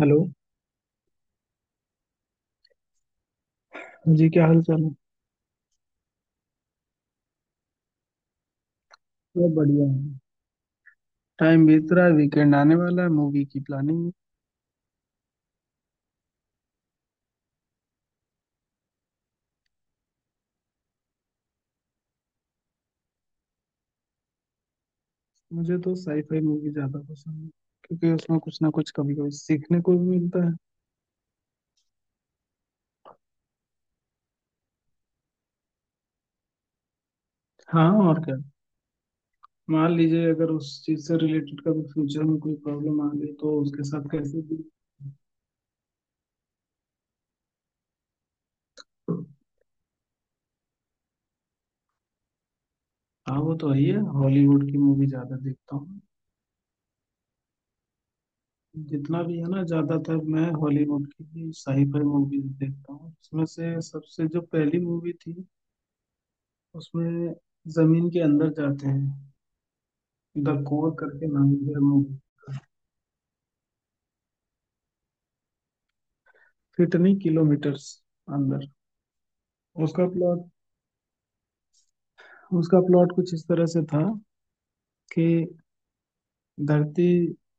Hello. हाँ जी, क्या हाल चाल है। सब बढ़िया है। टाइम बीत रहा है, वीकेंड आने वाला है, मूवी की प्लानिंग है। मुझे तो साईफाई मूवी ज्यादा पसंद है, क्योंकि उसमें कुछ ना कुछ कभी कभी सीखने को भी मिलता है। हाँ और क्या, मान लीजिए अगर उस चीज से रिलेटेड कभी फ्यूचर में कोई प्रॉब्लम आ गई तो उसके साथ कैसे हाँ वो तो है ही है, हॉलीवुड की मूवी ज्यादा देखता हूँ। जितना भी है ना, ज्यादातर मैं हॉलीवुड की ही साईफाई मूवीज देखता हूँ। उसमें से सबसे जो पहली मूवी थी, उसमें जमीन के अंदर जाते हैं। द कोर करके नाम है मूवी। कितनी किलोमीटर्स अंदर। उसका प्लॉट उसका प्लॉट कुछ इस तरह से था कि धरती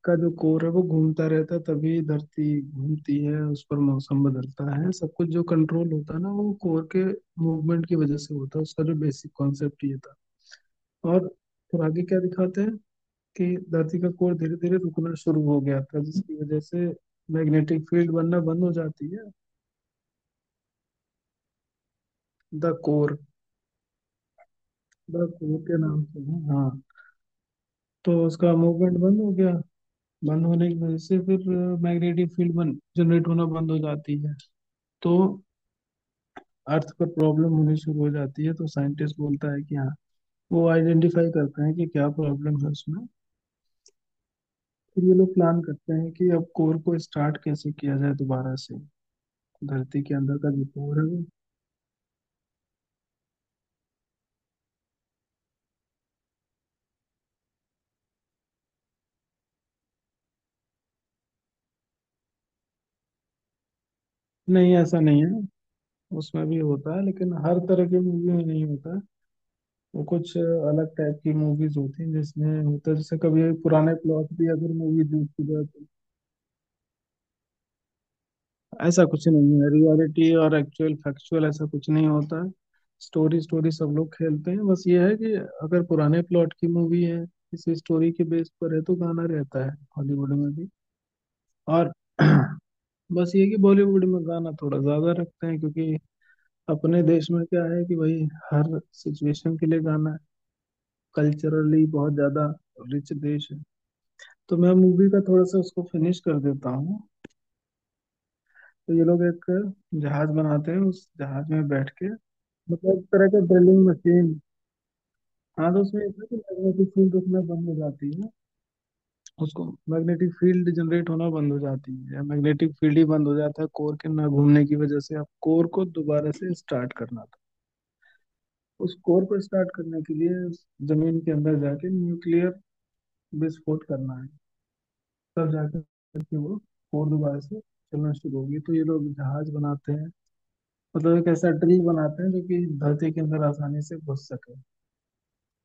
का जो कोर है वो घूमता रहता है, तभी धरती घूमती है, उस पर मौसम बदलता है, सब कुछ जो कंट्रोल होता है ना वो कोर के मूवमेंट की वजह से होता है। उसका जो बेसिक कॉन्सेप्ट ये था। और फिर आगे क्या दिखाते हैं कि धरती का कोर धीरे धीरे रुकना शुरू हो गया था, जिसकी वजह से मैग्नेटिक फील्ड बनना बंद हो जाती है। द कोर द कोर के नाम से है, हाँ। तो उसका मूवमेंट बंद हो गया। बंद होने की वजह से फिर मैग्नेटिक फील्ड बन जनरेट होना बंद हो जाती है। तो अर्थ पर प्रॉब्लम होनी शुरू हो जाती है, तो साइंटिस्ट बोलता है कि हाँ, वो आइडेंटिफाई करते हैं कि क्या प्रॉब्लम है उसमें। फिर ये लोग प्लान करते हैं कि अब कोर को स्टार्ट कैसे किया जाए दोबारा से। धरती के अंदर का जो कोर है वो, नहीं ऐसा नहीं है, उसमें भी होता है लेकिन हर तरह की मूवी में नहीं होता है। वो कुछ अलग टाइप की मूवीज होती हैं जिसमें होता है, जैसे कभी पुराने प्लॉट भी अगर मूवी देखी जाए तो। ऐसा कुछ नहीं है, रियलिटी और एक्चुअल फैक्चुअल ऐसा कुछ नहीं होता है। स्टोरी स्टोरी सब लोग खेलते हैं, बस ये है कि अगर पुराने प्लॉट की मूवी है किसी स्टोरी के बेस पर है तो गाना रहता है हॉलीवुड में भी। और बस ये कि बॉलीवुड में गाना थोड़ा ज्यादा रखते हैं, क्योंकि अपने देश में क्या है कि भाई हर सिचुएशन के लिए गाना है। कल्चरली बहुत ज्यादा रिच देश है। तो मैं मूवी का थोड़ा सा उसको फिनिश कर देता हूँ। तो ये लोग एक जहाज बनाते हैं, उस जहाज में बैठ के, मतलब एक तरह का ड्रिलिंग मशीन। हाँ तो उसमें इतना कि मैग्नेटिक फील्ड उसमें बंद हो जाती है। उसको मैग्नेटिक फील्ड जनरेट होना बंद हो जाती है, या मैग्नेटिक फील्ड ही बंद हो जाता है कोर के ना घूमने की वजह से। अब कोर को दोबारा से स्टार्ट करना था। उस कोर को स्टार्ट करने के लिए उस जमीन के अंदर जाके न्यूक्लियर विस्फोट करना है, तब जा कर के वो और दोबारा से चलना शुरू होगी। तो ये लोग जहाज बनाते हैं, मतलब एक ऐसा ड्रिल बनाते हैं जो कि धरती के अंदर आसानी से घुस सके।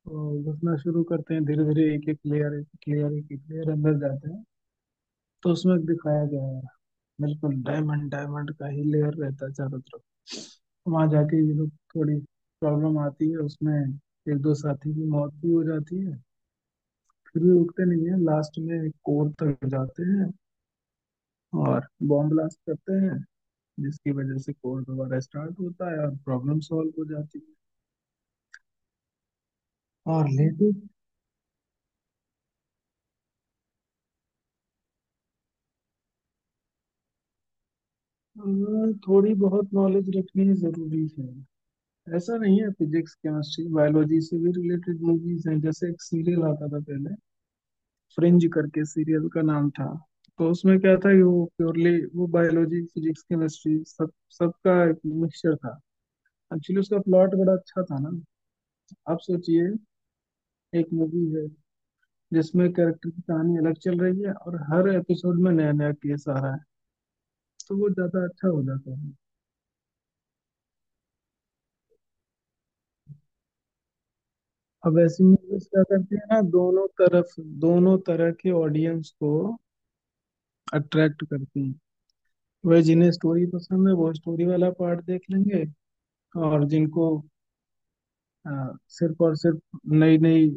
तो घुसना शुरू करते हैं धीरे धीरे, एक एक लेयर एक एक लेयर एक एक लेयर अंदर जाते हैं। तो उसमें दिखाया गया है बिल्कुल डायमंड डायमंड का ही लेयर रहता है चारों तरफ। वहां जाके ये लोग, थोड़ी प्रॉब्लम आती है उसमें, एक दो साथी की मौत भी हो जाती है, फिर भी रुकते नहीं है, लास्ट में एक और तक जाते हैं और बॉम्ब ब्लास्ट करते हैं, जिसकी वजह से कोड दोबारा स्टार्ट होता है और प्रॉब्लम सॉल्व हो जाती है। और हाँ लेकिन, अ, थोड़ी बहुत नॉलेज रखनी जरूरी है। ऐसा नहीं है, फिजिक्स केमिस्ट्री बायोलॉजी से भी रिलेटेड मूवीज हैं। जैसे एक सीरियल आता था पहले, फ्रिंज करके सीरियल का नाम था। तो उसमें क्या था कि वो प्योरली वो बायोलॉजी फिजिक्स केमिस्ट्री सब सबका एक मिक्सचर था। एक्चुअली उसका प्लॉट बड़ा अच्छा था ना। आप सोचिए, एक मूवी है जिसमें कैरेक्टर की कहानी अलग चल रही है और हर एपिसोड में नया नया केस आ रहा है, तो वो ज्यादा अच्छा हो जाता है। अब ऐसी मूवीज क्या करती है ना, दोनों तरफ, दोनों तरह के ऑडियंस को अट्रैक्ट करती हैं। वह जिन्हें स्टोरी पसंद है वो स्टोरी वाला पार्ट देख लेंगे, और जिनको अ, सिर्फ और सिर्फ नई नई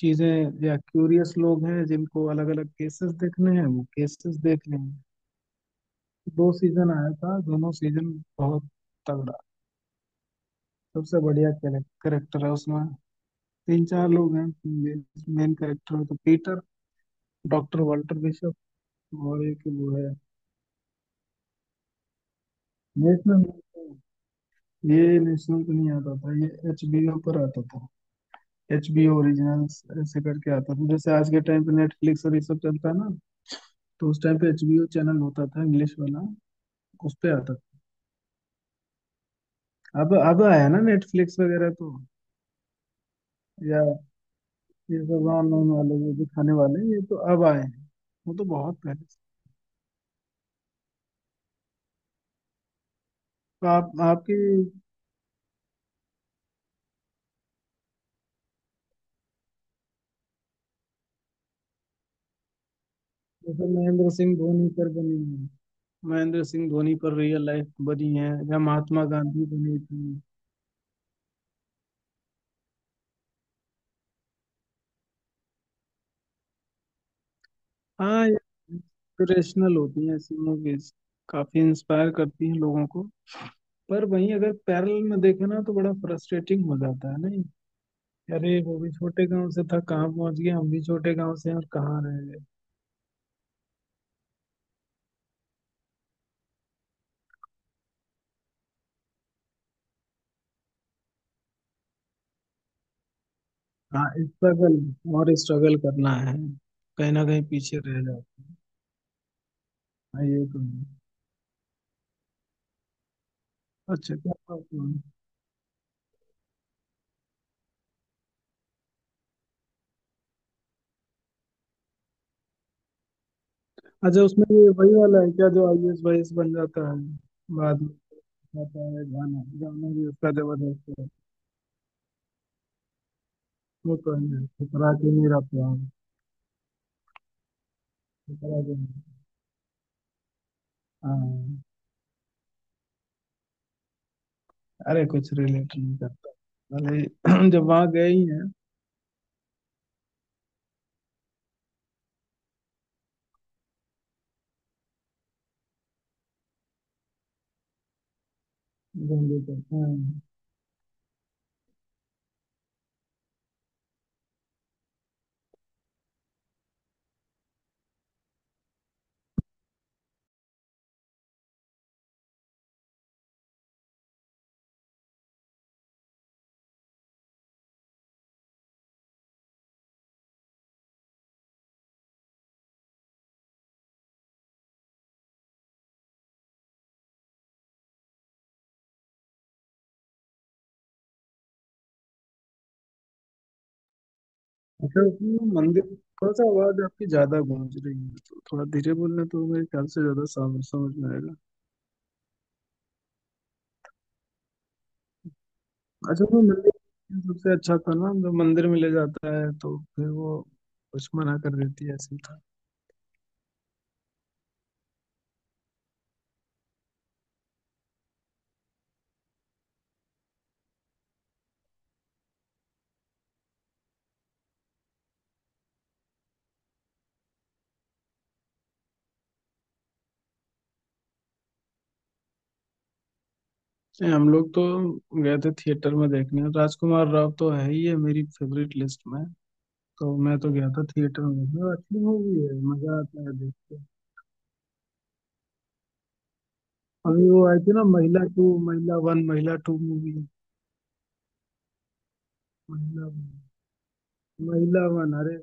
चीजें, या क्यूरियस लोग हैं जिनको अलग अलग केसेस देखने हैं वो केसेस देख लेंगे। दो सीजन आया था, दोनों सीजन बहुत तगड़ा। सबसे बढ़िया कैरेक्टर है उसमें, तीन चार लोग हैं मेन कैरेक्टर में, तो पीटर, डॉक्टर वाल्टर बिशप, और एक वो है। नेशनल, ये नेशनल पे नहीं आता था, ये एचबीओ पर आता था। एचबीओ ओरिजिनल्स ऐसे करके आता था। जैसे आज के टाइम पे नेटफ्लिक्स और ये सब चलता है ना, तो उस टाइम पे एचबीओ चैनल होता था इंग्लिश वाला, उस पे आता था। अब आया ना नेटफ्लिक्स वगैरह तो। या ये सब ऑनलाइन वाले जो दिखाने वाले हैं, ये तो अब आए हैं, वो तो बहुत पहले से। तो आप आपकी, जैसे महेंद्र सिंह धोनी पर बनी है, महेंद्र सिंह धोनी पर रियल लाइफ बनी है, या महात्मा गांधी बनी थी। हाँ इंस्पिरेशनल होती हैं ऐसी मूवीज, काफी इंस्पायर करती हैं लोगों को। पर वहीं अगर पैरेलल में देखे ना तो बड़ा फ्रस्ट्रेटिंग हो जाता है, नहीं, अरे वो भी छोटे गांव से था कहाँ पहुंच गया, हम भी छोटे गांव से हैं और कहाँ रह गए। हाँ, स्ट्रगल और स्ट्रगल करना है, कहीं ना कहीं पीछे रह जाओ। हाँ ये तो है। अच्छा क्या बात है। अच्छा उसमें ये वही वाला है क्या जो आईएएस वाईएएस बन जाता है बाद में। होता है, गाना गाना भी उसका जबरदस्त है। वो तो है, ठुकरा के मेरा प्यार। ठुकरा के मेरा-। हाँ, अरे कुछ रिलेट नहीं करता। भले जब वहाँ गए ही हैं घूमने तो हाँ। अच्छा उसमें मंदिर, थोड़ा सा आवाज आपकी ज्यादा गूंज रही है तो थोड़ा धीरे बोलना तो मेरे ख्याल से ज्यादा समझ समझ में आएगा। अच्छा वो मंदिर सबसे अच्छा था ना, जो मंदिर में ले जाता है तो फिर वो कुछ मना कर देती है, ऐसी था। नहीं, हम लोग तो गए थे थिएटर में देखने, राजकुमार राव तो है ही है मेरी फेवरेट लिस्ट में, तो मैं तो गया था थिएटर में देखने, और अच्छी मूवी है, मजा आता है देख के। अभी वो आई थी ना, महिला टू, महिला वन, महिला टू मूवी। महिला महिला वन, अरे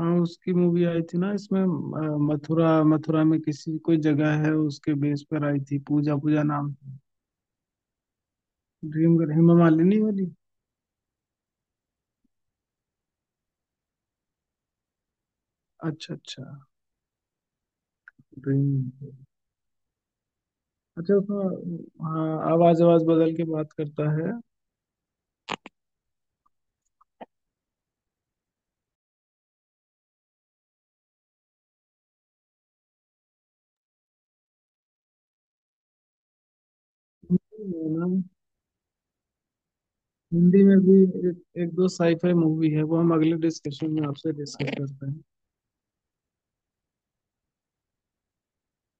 हाँ उसकी मूवी आई थी ना इसमें, मथुरा मथुरा में किसी कोई जगह है, उसके बेस पर आई थी, पूजा पूजा नाम। ड्रीम कर, हेमा मालिनी वाली। अच्छा अच्छा। ड्रीम, अच्छा उसमें हाँ आवाज आवाज बदल के बात करता है। हिंदी में ना, हिंदी में भी एक, एक दो साईफाई मूवी है, वो हम अगले डिस्कशन में आपसे डिस्कस करते हैं।